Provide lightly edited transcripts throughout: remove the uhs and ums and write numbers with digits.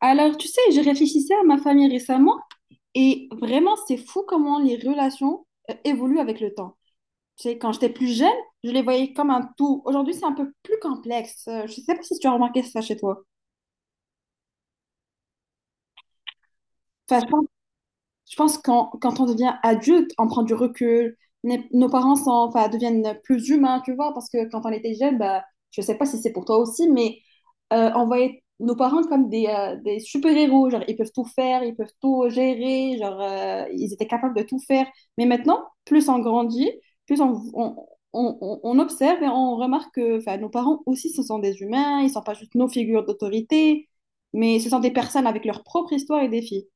Alors, tu sais, je réfléchissais à ma famille récemment et vraiment, c'est fou comment les relations évoluent avec le temps. Tu sais, quand j'étais plus jeune, je les voyais comme un tout. Aujourd'hui, c'est un peu plus complexe. Je ne sais pas si tu as remarqué ça chez toi. Enfin, je pense quand on devient adulte, on prend du recul. Nos parents sont, enfin, deviennent plus humains, tu vois, parce que quand on était jeune, bah, je sais pas si c'est pour toi aussi, mais on voyait nos parents comme des super-héros. Genre, ils peuvent tout faire, ils peuvent tout gérer, genre, ils étaient capables de tout faire. Mais maintenant, plus on grandit, plus on observe et on remarque que, enfin, nos parents aussi, ce sont des humains, ils sont pas juste nos figures d'autorité, mais ce sont des personnes avec leur propre histoire et défis.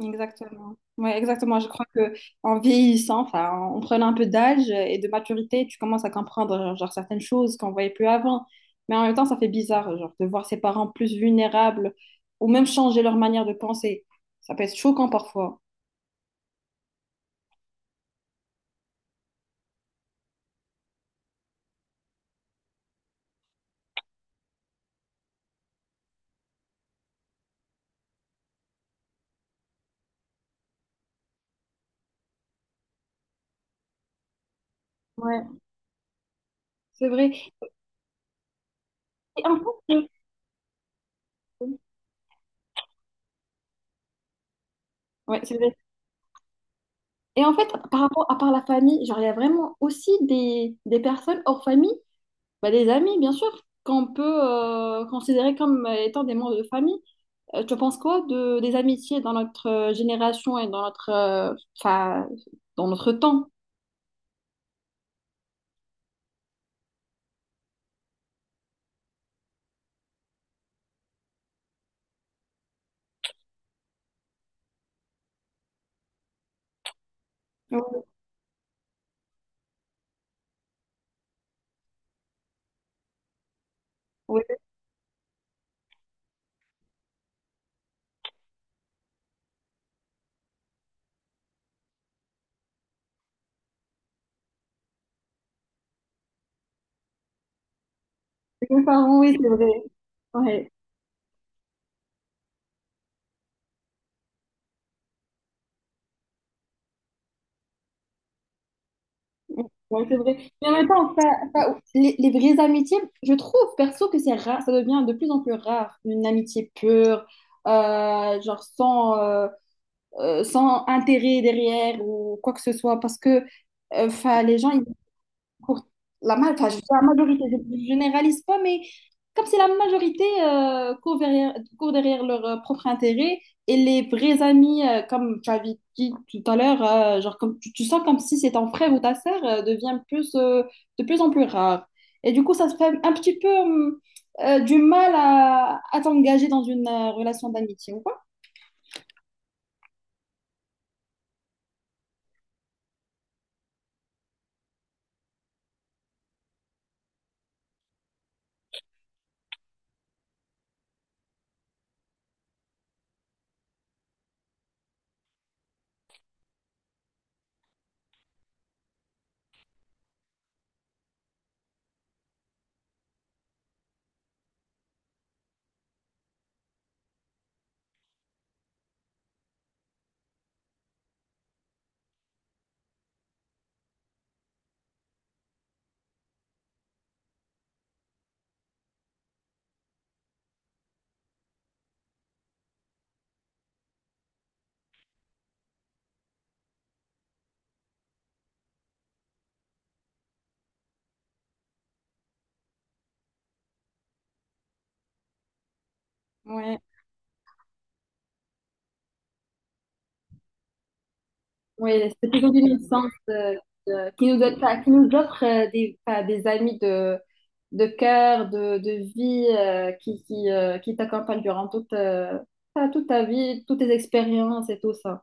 Exactement. Ouais, exactement. Je crois que En vieillissant, enfin, en prenant un peu d'âge et de maturité, tu commences à comprendre genre, certaines choses qu'on voyait plus avant. Mais en même temps, ça fait bizarre, genre, de voir ses parents plus vulnérables ou même changer leur manière de penser. Ça peut être choquant parfois. Ouais, c'est vrai. Et en fait, je- Ouais, c'est vrai. Et en fait, par rapport à part la famille, genre, il y a vraiment aussi des personnes hors famille, bah, des amis, bien sûr, qu'on peut considérer comme étant des membres de famille. Tu penses quoi de, des amitiés dans notre génération et dans notre, enfin, dans notre temps? Oui, mes parents, oui, c'est vrai. Ouais, ouais, c'est vrai. Mais en même temps, ça- les vraies amitiés, je trouve perso que c'est rare, ça devient de plus en plus rare, une amitié pure, genre sans, sans intérêt derrière ou quoi que ce soit, parce que 'fin, les gens, pour la, ma- enfin, je dis la majorité, je ne généralise pas, mais comme c'est la majorité court derrière leur propre intérêt, et les vrais amis, comme tu avais dit tout à l'heure, genre comme, tu sens comme si c'est ton frère ou ta sœur, devient plus, de plus en plus rare. Et du coup, ça se fait un petit peu du mal à t'engager dans une relation d'amitié. Ouais, ouais, c'est plutôt une licence de- qui nous donne, enfin, qui nous offre des, enfin, des amis de cœur, de vie, qui t'accompagnent durant toute, enfin, toute ta vie, toutes tes expériences et tout ça.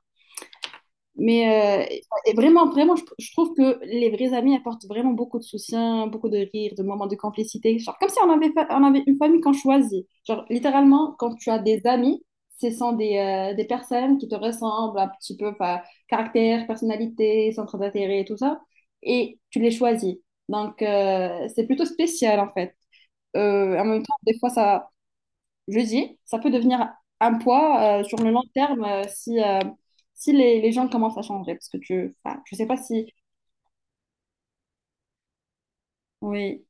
Mais euh, et vraiment, vraiment, je trouve que les vrais amis apportent vraiment beaucoup de soutien, beaucoup de rire, de moments de complicité. Genre, comme si on avait, fa- on avait une famille qu'on choisit. Genre, littéralement, quand tu as des amis, ce sont des personnes qui te ressemblent un petit peu, enfin, caractère, personnalité, centre d'intérêt et tout ça. Et tu les choisis. Donc, c'est plutôt spécial, en fait. En même temps, des fois, ça jeudi, ça peut devenir un poids sur le long terme si, si les, les gens commencent à changer. Parce que tu, enfin, je sais pas si. Oui,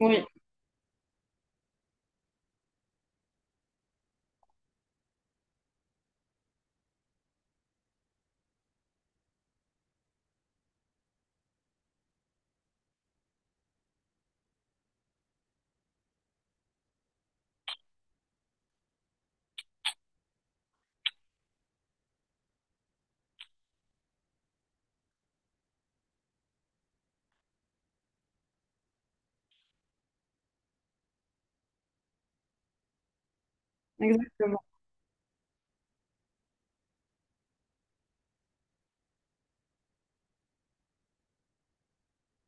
oui, exactement.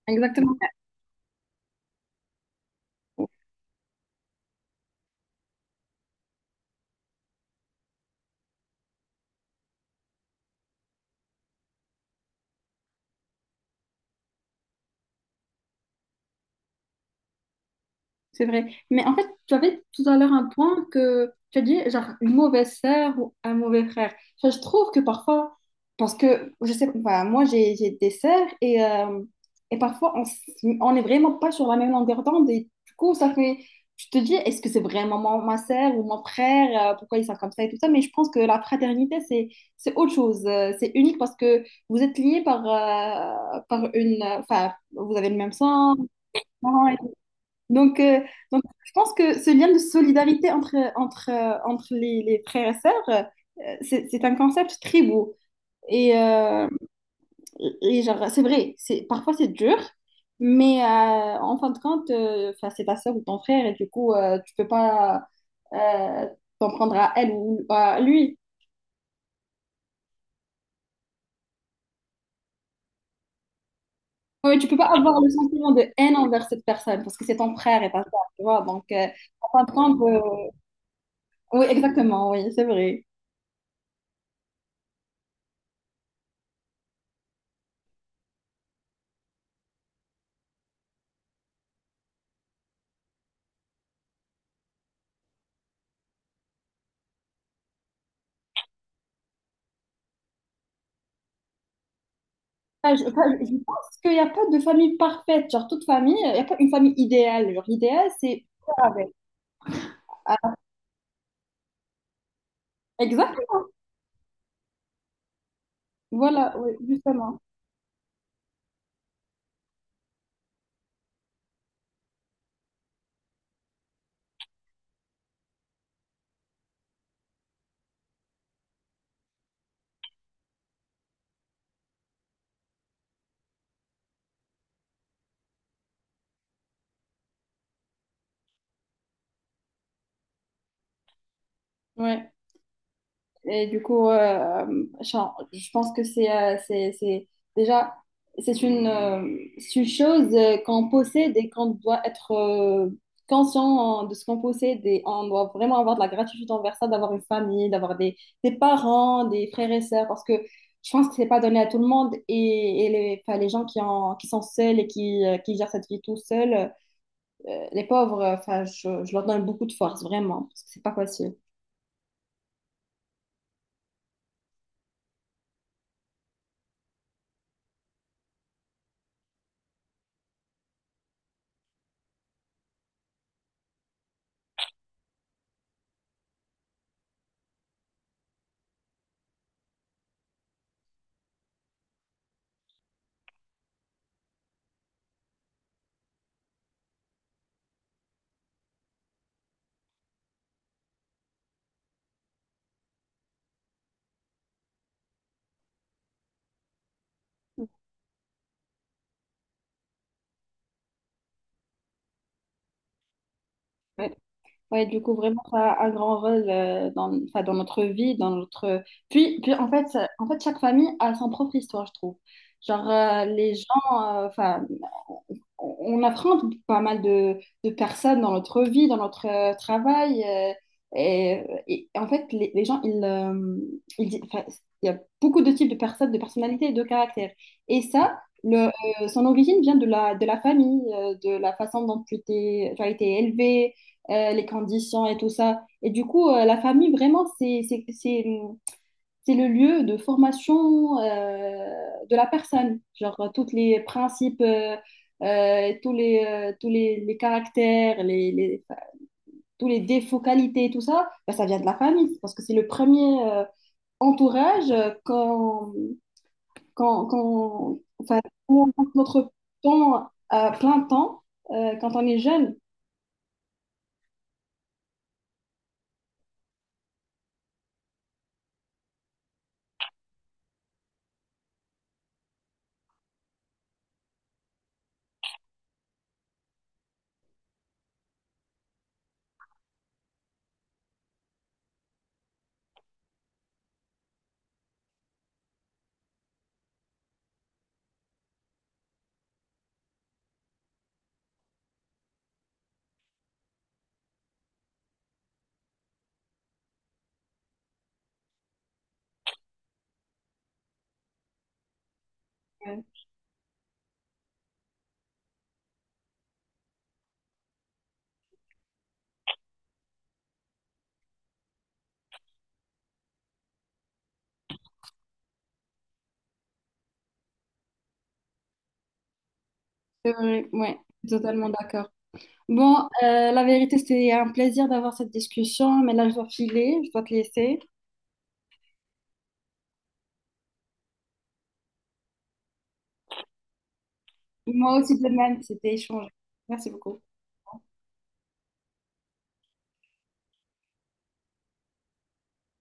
Exactement. C'est vrai. Mais en fait, tu avais tout à l'heure un point que tu as dit, genre, une mauvaise sœur ou un mauvais frère. Enfin, je trouve que parfois, parce que, je sais, enfin, moi, j'ai des sœurs et parfois, on, s- on n'est vraiment pas sur la même longueur d'onde et du coup, ça fait, tu te dis, est-ce que c'est vraiment mon- ma sœur ou mon frère? Pourquoi ils sont comme ça et tout ça? Mais je pense que la fraternité, c'est autre chose. C'est unique parce que vous êtes liés par, par une, enfin, vous avez le même sang, donc, euh, donc, je pense que ce lien de solidarité entre, entre les frères et sœurs, c'est un concept très beau. Et, euh, et genre, c'est vrai, c'est, parfois c'est dur, mais en fin de compte, enfin, c'est ta sœur ou ton frère, et du coup, tu peux pas euh, t'en prendre à elle ou à lui. Ouais, tu peux pas avoir le sentiment de haine envers cette personne, parce que c'est ton frère et ta sœur, tu vois. Donc, en fin de compte, oui, exactement, oui, c'est vrai. Ah, je, enfin, je pense qu'il n'y a pas de famille parfaite, genre toute famille, il n'y a pas une famille idéale. Genre l'idéal, c'est faire avec. Ah, exact, voilà, oui, justement. Ouais. Et du coup, genre, je pense que c'est, déjà c'est une chose qu'on possède et qu'on doit être conscient de ce qu'on possède et on doit vraiment avoir de la gratitude envers ça, d'avoir une famille, d'avoir des parents, des frères et sœurs, parce que je pense que c'est pas donné à tout le monde et les, enfin, les gens qui, en- qui sont seuls et qui gèrent cette vie tout seuls, les pauvres, enfin, je leur donne beaucoup de force, vraiment, parce que c'est pas facile. Ouais, du coup, vraiment, ça a un grand rôle dans, enfin, dans notre vie, dans notre... Puis, puis en fait, ça- en fait, chaque famille a son propre histoire, je trouve. Genre, les gens, enfin, on affronte pas mal de personnes dans notre vie, dans notre travail. Et en fait, les gens, ils di- enfin, il y a beaucoup de types de personnes, de personnalités et de caractères. Et ça, le, son origine vient de la famille, de la façon dont tu t'es- tu as été élevé les conditions et tout ça. Et du coup, la famille, vraiment, c'est le lieu de formation de la personne. Genre, tous les principes, tous les caractères, les- enfin, tous les défauts, qualités, tout ça, ben, ça vient de la famille. Parce que c'est le premier entourage enfin, où on passe notre temps à plein temps quand on est jeune. Ouais, totalement d'accord. Bon, la vérité, c'était un plaisir d'avoir cette discussion, mais là, je dois filer, je dois te laisser. Moi aussi, de même, c'était échange. Merci beaucoup.